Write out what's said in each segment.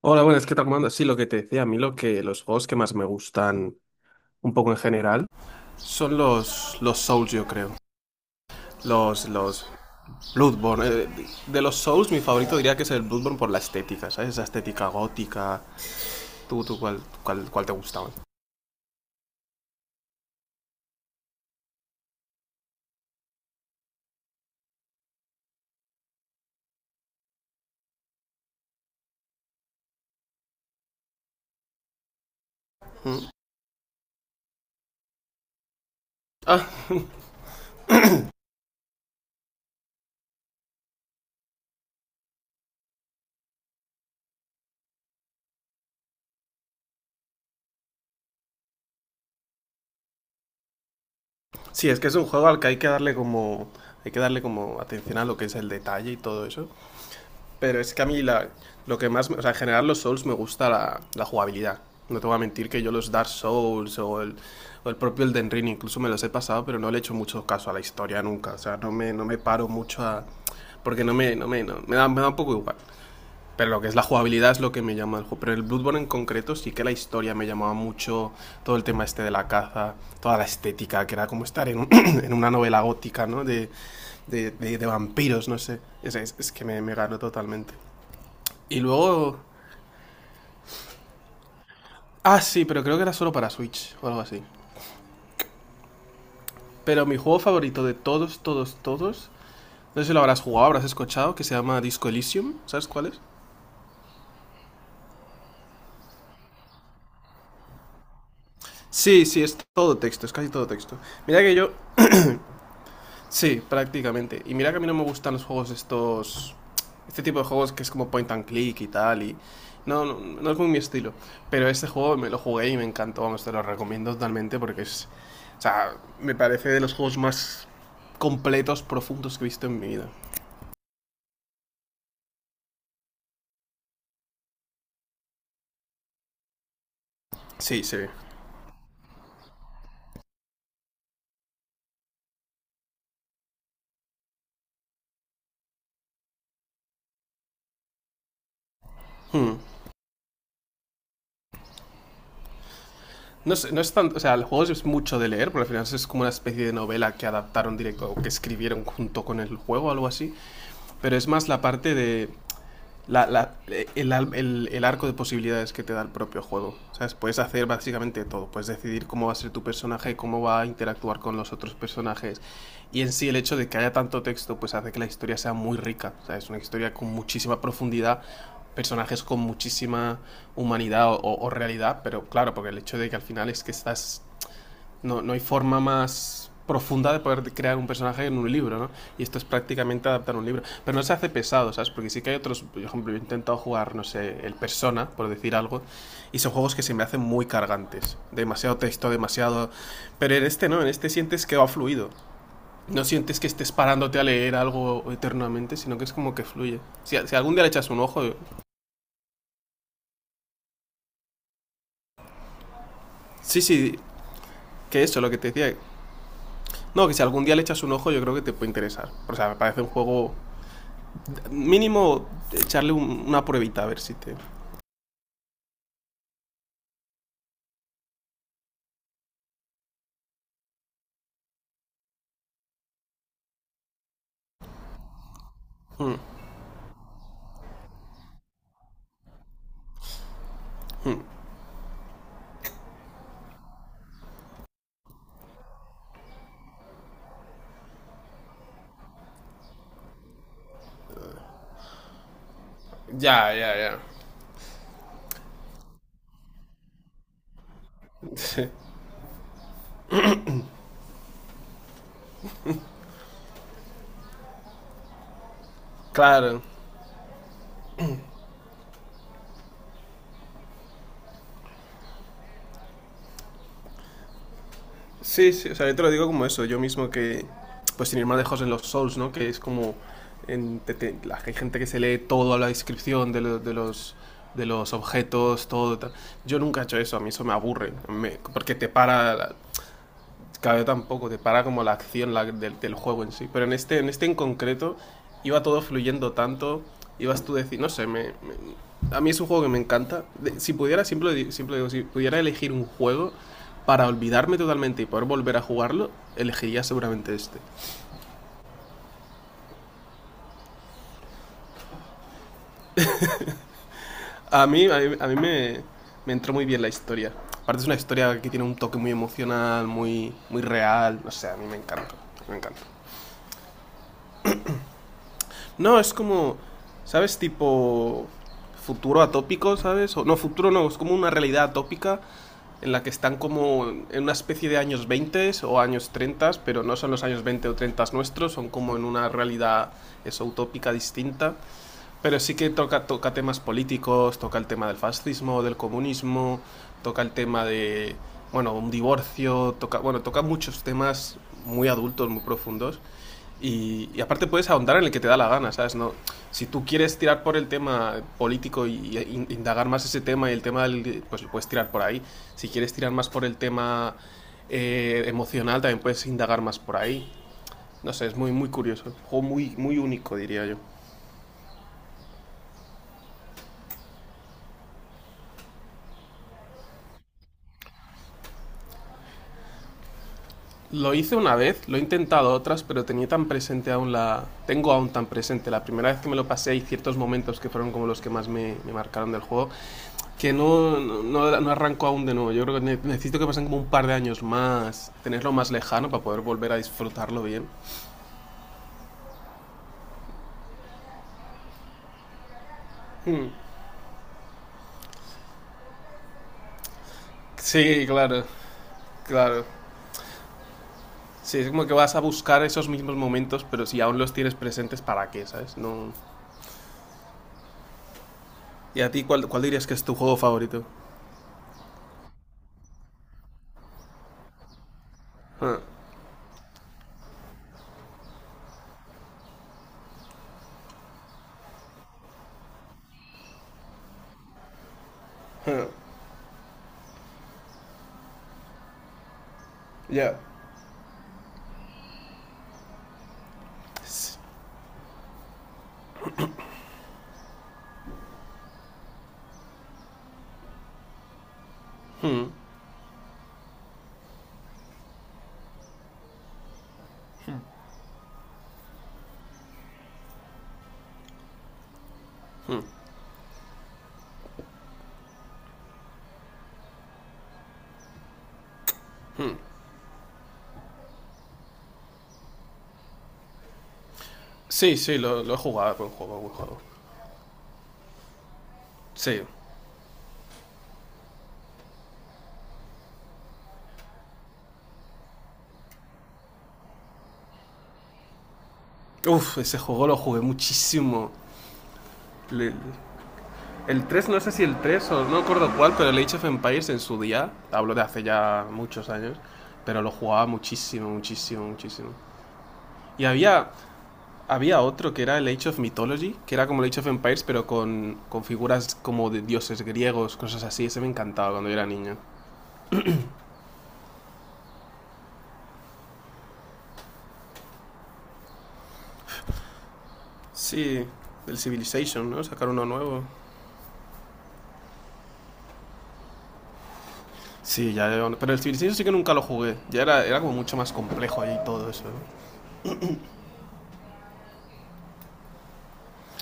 Hola, buenas, ¿qué tal, comando? Sí, lo que te decía, a mí los juegos que más me gustan un poco en general son los Souls, yo creo. Los Bloodborne. De los Souls, mi favorito diría que es el Bloodborne por la estética, ¿sabes? Esa estética gótica. ¿Tú cuál te gustaba? Mm. Ah, sí, es que es un juego al que hay que darle como... Hay que darle como atención a lo que es el detalle y todo eso. Pero es que lo que más... O sea, en general los Souls me gusta la jugabilidad. No te voy a mentir que yo los Dark Souls o el propio Elden Ring incluso me los he pasado, pero no le he hecho mucho caso a la historia nunca. O sea, no me paro mucho a... Porque me da un poco igual. Pero lo que es la jugabilidad es lo que me llama el juego. Pero el Bloodborne en concreto sí que la historia me llamaba mucho. Todo el tema este de la caza, toda la estética, que era como estar en en una novela gótica, ¿no? De de vampiros, no sé. Es que me ganó totalmente. Y luego. Ah, sí, pero creo que era solo para Switch o algo así. Pero mi juego favorito de todos, todos, todos. No sé si lo habrás jugado, habrás escuchado, que se llama Disco Elysium. ¿Sabes cuál es? Sí, sí, es todo texto, es casi todo texto. Mira que yo. Sí, prácticamente. Y mira que a mí no me gustan los juegos estos... Este tipo de juegos que es como point and click y tal, y... no es muy mi estilo. Pero este juego me lo jugué y me encantó, vamos, te lo recomiendo totalmente porque es... O sea, me parece de los juegos más completos, profundos que he visto en mi vida. Sí, sí. Hmm. No es tanto, o sea, el juego es mucho de leer, porque al final es como una especie de novela que adaptaron directo o que escribieron junto con el juego, algo así. Pero es más la parte de la, la- el arco de posibilidades que te da el propio juego. ¿Sabes? Puedes hacer básicamente todo. Puedes decidir cómo va a ser tu personaje, cómo va a interactuar con los otros personajes. Y en sí el hecho de que haya tanto texto pues hace que la historia sea muy rica. O sea, es una historia con muchísima profundidad, personajes con muchísima humanidad o realidad, pero claro, porque el hecho de que al final es que estás no, no hay forma más profunda de poder crear un personaje en un libro, ¿no? Y esto es prácticamente adaptar un libro. Pero no se hace pesado, ¿sabes? Porque sí que hay otros, por ejemplo, yo he intentado jugar, no sé, el Persona, por decir algo, y son juegos que se me hacen muy cargantes. Demasiado texto, demasiado... Pero en este no, en este sientes que va fluido. No sientes que estés parándote a leer algo eternamente, sino que es como que fluye. Si algún día le echas un ojo... Sí, sí, que eso, lo que te decía. No, que si algún día le echas un ojo yo creo que te puede interesar. O sea, me parece un juego. Mínimo echarle una pruebita a ver si te... Mm. Ya. Sí, claro. Sí, sí, o sea, yo te lo digo como eso, yo mismo que, pues sin ir más lejos en los Souls, ¿no? Que es como, en, la, hay gente que se lee todo a la descripción de los objetos, todo tal. Yo nunca he hecho eso, a mí eso me aburre, me- porque te para la- Claro, tampoco, te para como la acción la- del juego en sí. Pero en este en concreto, iba todo fluyendo tanto, ibas tú a decir, no sé, a mí es un juego que me encanta. De- si pudiera, siempre digo, si pudiera elegir un juego para olvidarme totalmente y poder volver a jugarlo, elegiría seguramente este. A mí me entró muy bien la historia. Aparte es una historia que tiene un toque muy emocional, muy real, no sé, a mí me encanta, me encanta. No, es como, ¿sabes? Tipo futuro atópico, ¿sabes? O, no, futuro no, es como una realidad atópica en la que están como en una especie de años 20 o años 30, pero no son los años 20 o 30 nuestros, son como en una realidad eso, utópica distinta. Pero sí que toca, toca temas políticos, toca el tema del fascismo, del comunismo, toca el tema de, bueno, un divorcio, toca, bueno, toca muchos temas muy adultos, muy profundos. Y aparte puedes ahondar en el que te da la gana, ¿sabes? No, si tú quieres tirar por el tema político y indagar más ese tema y el tema del, pues puedes tirar por ahí. Si quieres tirar más por el tema emocional, también puedes indagar más por ahí. No sé, es muy, muy curioso. Un juego muy, muy único, diría yo. Lo hice una vez, lo he intentado otras, pero tenía tan presente aún la... Tengo aún tan presente la primera vez que me lo pasé y ciertos momentos que fueron como los que más me marcaron del juego, que no arranco aún de nuevo. Yo creo que necesito que pasen como un par de años más, tenerlo más lejano para poder volver a disfrutarlo bien. Hmm. Sí, claro, claro. Sí, es como que vas a buscar esos mismos momentos, pero si aún los tienes presentes, ¿para qué, sabes? No... ¿Y a ti cuál, dirías que es tu juego favorito? Ah, ah, ya. Yeah. Hmm, hmm. Sí, sí, lo he jugado, buen juego, buen juego. Sí. Uf, ese juego lo jugué muchísimo. Le- el 3, no sé si el 3 o no recuerdo cuál, pero el Age of Empires en su día, hablo de hace ya muchos años, pero lo jugaba muchísimo, muchísimo, muchísimo. Y había, había otro que era el Age of Mythology, que era como el Age of Empires, pero con figuras como de dioses griegos, cosas así. Ese me encantaba cuando yo era niño. Sí, el Civilization, ¿no? Sacar uno nuevo. Sí, ya. Pero el Civilization sí que nunca lo jugué. Era como mucho más complejo ahí todo eso. ¿No?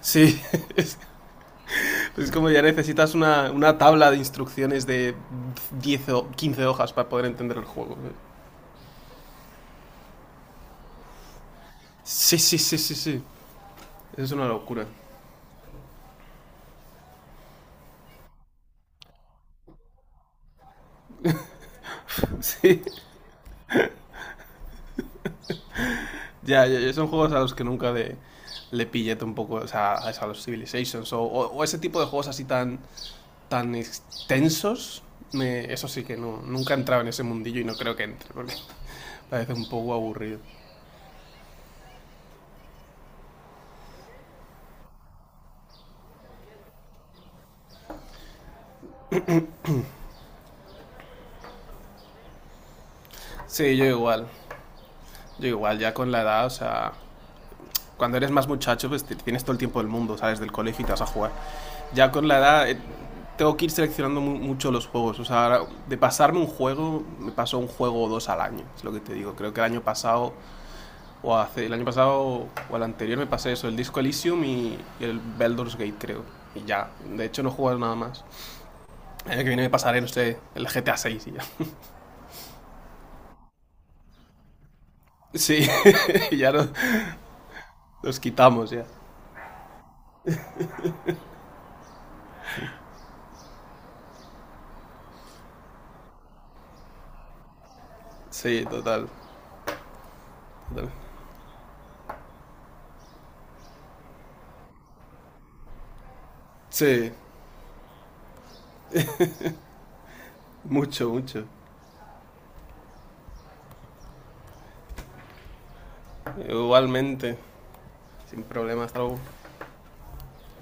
Sí, es, es como ya necesitas una tabla de instrucciones de 10 o 15 hojas para poder entender el juego. ¿No? Sí, sí, sí, sí, sí. Eso es una locura. Sí, ya, ya, ya son juegos a los que nunca le pillé un poco, o sea, a los Civilizations o ese tipo de juegos así tan, tan extensos. Me- eso sí que no, nunca he entrado en ese mundillo y no creo que entre, porque parece un poco aburrido. Sí, yo igual. Yo igual, ya con la edad, o sea, cuando eres más muchacho, pues te- tienes todo el tiempo del mundo, sales del colegio y te vas a jugar. Ya con la edad, tengo que ir seleccionando mucho los juegos. O sea, ahora, de pasarme un juego, me paso un juego o dos al año, es lo que te digo. Creo que el año pasado, o hace, el año pasado o el anterior me pasé eso, el Disco Elysium y el Baldur's Gate, creo. Y ya, de hecho no he jugado nada más. El año que viene me pasaré, no sé, el GTA 6 y ya. Sí, ya no- nos quitamos ya. Sí, total. Sí, mucho, mucho. Igualmente, sin problemas. Hasta